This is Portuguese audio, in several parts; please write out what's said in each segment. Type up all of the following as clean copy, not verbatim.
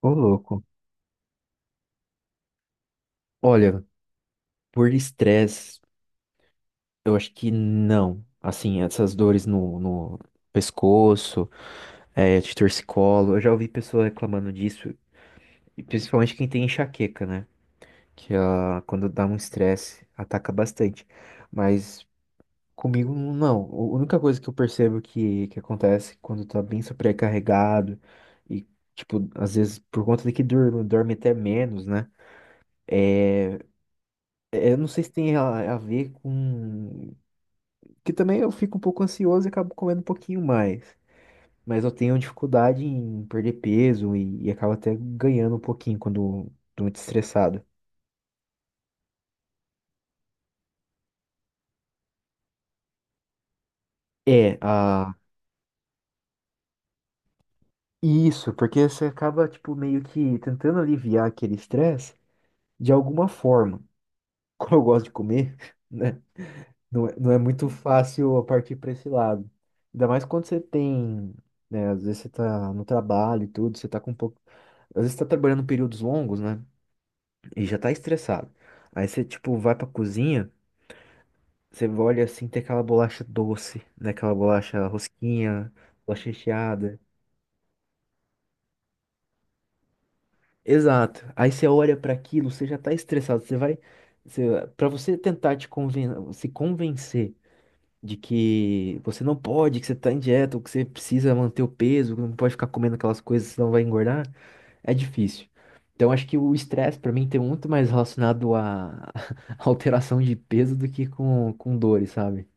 Ô, louco. Olha, por estresse, eu acho que não. Assim, essas dores no pescoço, de torcicolo, eu já ouvi pessoas reclamando disso, e principalmente quem tem enxaqueca, né? Que quando dá um estresse, ataca bastante. Mas comigo, não. A única coisa que eu percebo que acontece quando tá bem sobrecarregado, e, tipo, às vezes por conta de que dorme até menos, né? É, eu não sei se tem a ver com Que também eu fico um pouco ansioso e acabo comendo um pouquinho mais. Mas eu tenho dificuldade em perder peso e acabo até ganhando um pouquinho quando tô muito estressado. É, ah, isso, porque você acaba, tipo, meio que tentando aliviar aquele estresse de alguma forma. Como eu gosto de comer, né? Não é, não é muito fácil eu partir para esse lado. Ainda mais quando você tem, né? Às vezes você tá no trabalho e tudo, você tá com um pouco. Às vezes você tá trabalhando períodos longos, né? e já tá estressado. Aí você, tipo, vai pra cozinha, você olha assim, tem aquela bolacha doce, né? Aquela bolacha rosquinha, bolacha recheada. Exato. Aí você olha pra aquilo, você já tá estressado. Você vai. Você, pra você tentar te conven se convencer de que você não pode, que você tá em dieta, ou que você precisa manter o peso, que não pode ficar comendo aquelas coisas, senão vai engordar, é difícil. Então, acho que o estresse, pra mim, tem muito mais relacionado à alteração de peso do que com dores, sabe?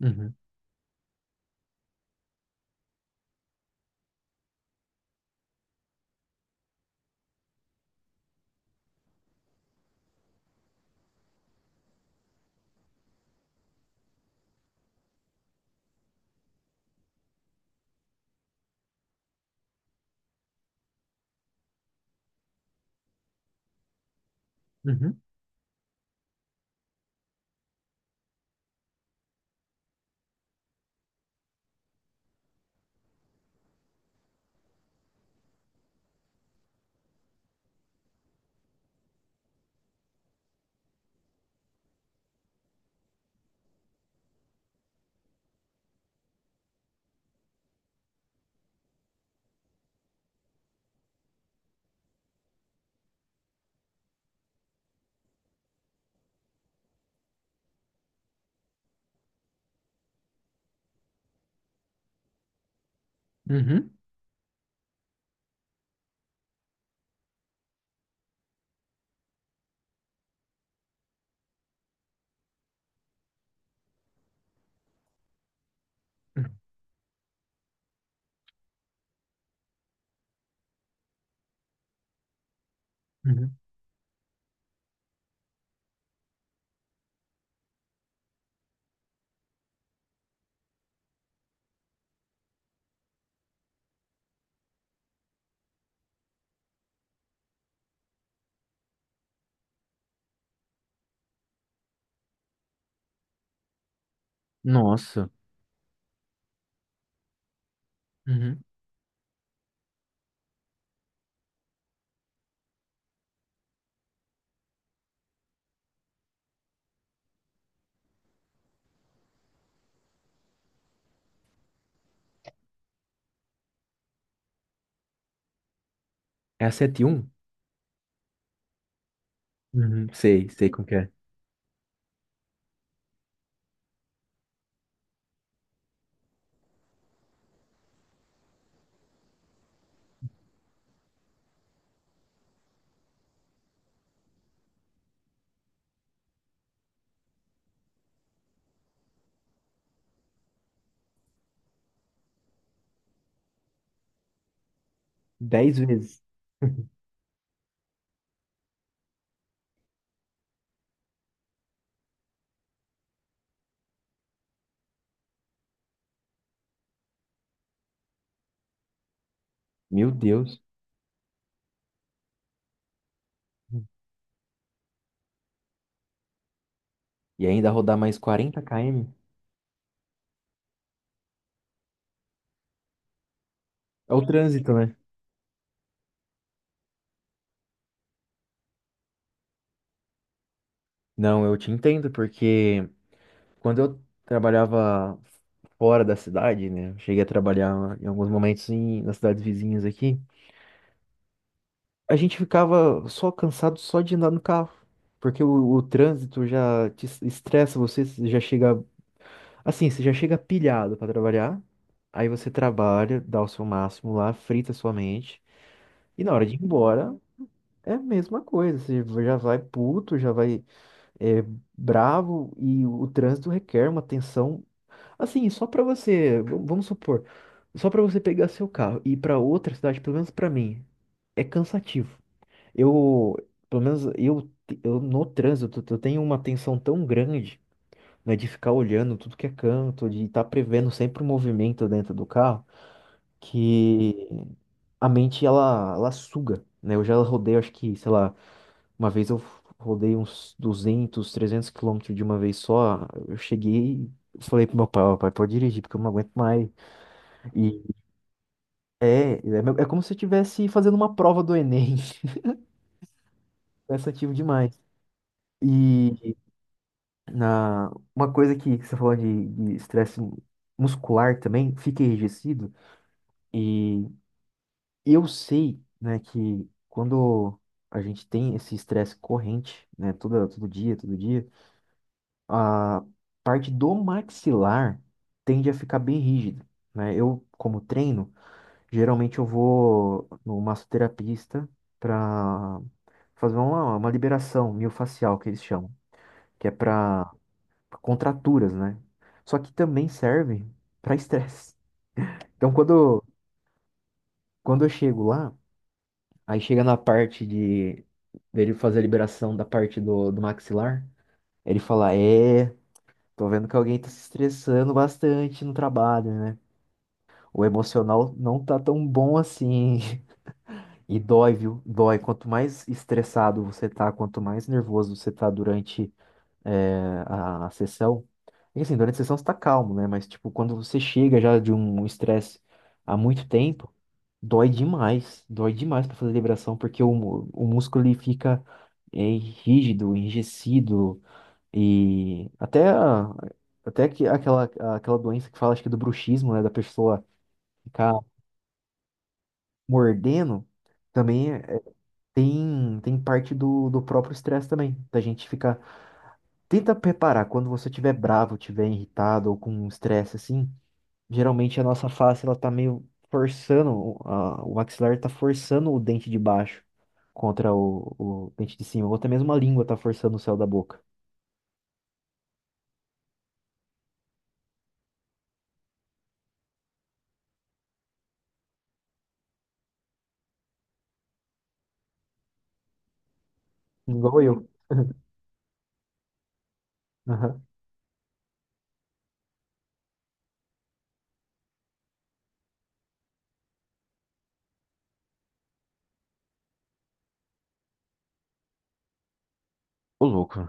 Uhum, uhum, uhum, uhum, uhum. Nossa. Uhum. É a 7-1? Uhum. Sei, sei como que é. 10 vezes. Meu Deus. E ainda rodar mais 40 km? É o trânsito, né? Não, eu te entendo, porque quando eu trabalhava fora da cidade, né? eu cheguei a trabalhar em alguns momentos em, nas cidades vizinhas aqui. A gente ficava só cansado só de andar no carro, porque o trânsito já te estressa você, você já chega assim, você já chega pilhado pra trabalhar, aí você trabalha, dá o seu máximo lá, frita sua mente, e na hora de ir embora é a mesma coisa, você já vai puto, já vai é, bravo, e o, trânsito requer uma atenção, assim, só pra você, vamos supor, só pra você pegar seu carro e ir pra outra cidade, pelo menos pra mim, é cansativo. Eu, pelo menos eu no trânsito, eu tenho uma tensão tão grande, né, de ficar olhando tudo que é canto, de estar prevendo sempre o movimento dentro do carro, que a mente ela suga, né? Eu já rodei, acho que, sei lá, uma vez eu rodei uns 200, 300 quilômetros de uma vez só. Eu cheguei, falei pro meu pai, ó, pai, pode dirigir, porque eu não aguento mais. E é, é, é como se eu estivesse fazendo uma prova do Enem, cansativo demais. E na, uma coisa que você falou de estresse muscular também, fica enrijecido. E eu sei, né, que quando a gente tem esse estresse corrente, né, todo, todo dia, a parte do maxilar tende a ficar bem rígida, né? Eu, como treino, geralmente eu vou no massoterapista para fazer uma liberação miofascial, que eles chamam, que é para contraturas, né? Só que também serve para estresse. Então, quando, eu chego lá, aí chega na parte de dele fazer a liberação da parte do, do maxilar, ele fala: é, tô vendo que alguém tá se estressando bastante no trabalho, né? O emocional não tá tão bom assim. E dói, viu? Dói. Quanto mais estressado você tá, quanto mais nervoso você tá durante é, a sessão. E assim, durante a sessão você tá calmo, né? Mas, tipo, quando você chega já de um estresse há muito tempo, dói demais. Dói demais pra fazer liberação, porque o, o músculo ele fica é, rígido, enrijecido. E até, até que aquela, aquela doença que fala, acho que é do bruxismo, né? Da pessoa ficar mordendo, também é- tem parte do próprio estresse também. Da gente ficar tenta preparar quando você estiver bravo, estiver irritado ou com um estresse assim. Geralmente a nossa face ela tá meio forçando, o maxilar tá forçando o dente de baixo contra o dente de cima. Ou até mesmo a língua tá forçando o céu da boca. Igual eu. Aham. Ô, louco.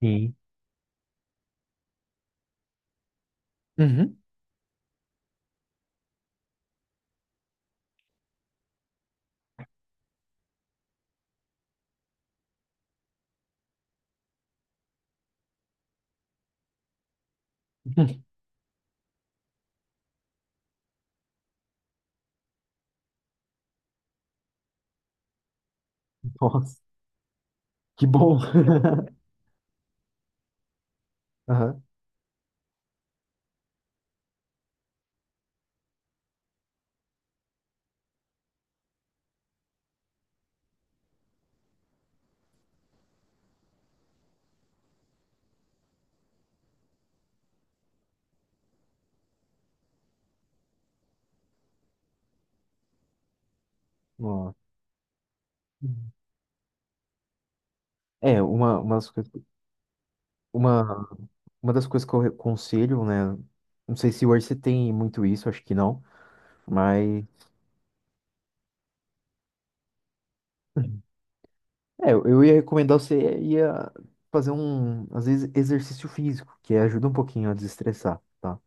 Sim. Uhum. Nossa, que bom. Aham. Nossa. É, uma, uma das coisas que eu aconselho, né? Não sei se hoje você tem muito isso, acho que não, mas é, eu ia recomendar você ia fazer um, às vezes, exercício físico, que ajuda um pouquinho a desestressar, tá?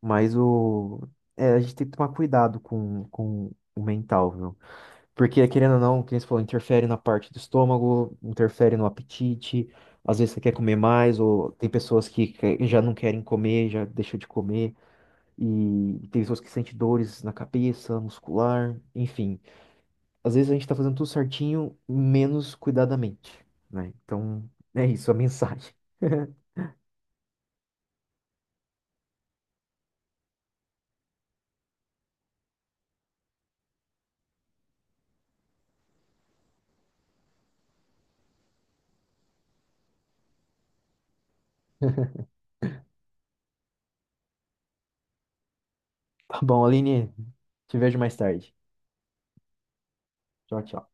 Mas o, é, a gente tem que tomar cuidado com, o mental, viu? Porque, querendo ou não, como você falou, interfere na parte do estômago, interfere no apetite, às vezes você quer comer mais, ou tem pessoas que já não querem comer, já deixam de comer, e tem pessoas que sentem dores na cabeça, muscular, enfim, às vezes a gente tá fazendo tudo certinho, menos cuidadamente, né? Então, é isso a mensagem. Tá bom, Aline, te vejo mais tarde. Tchau, tchau.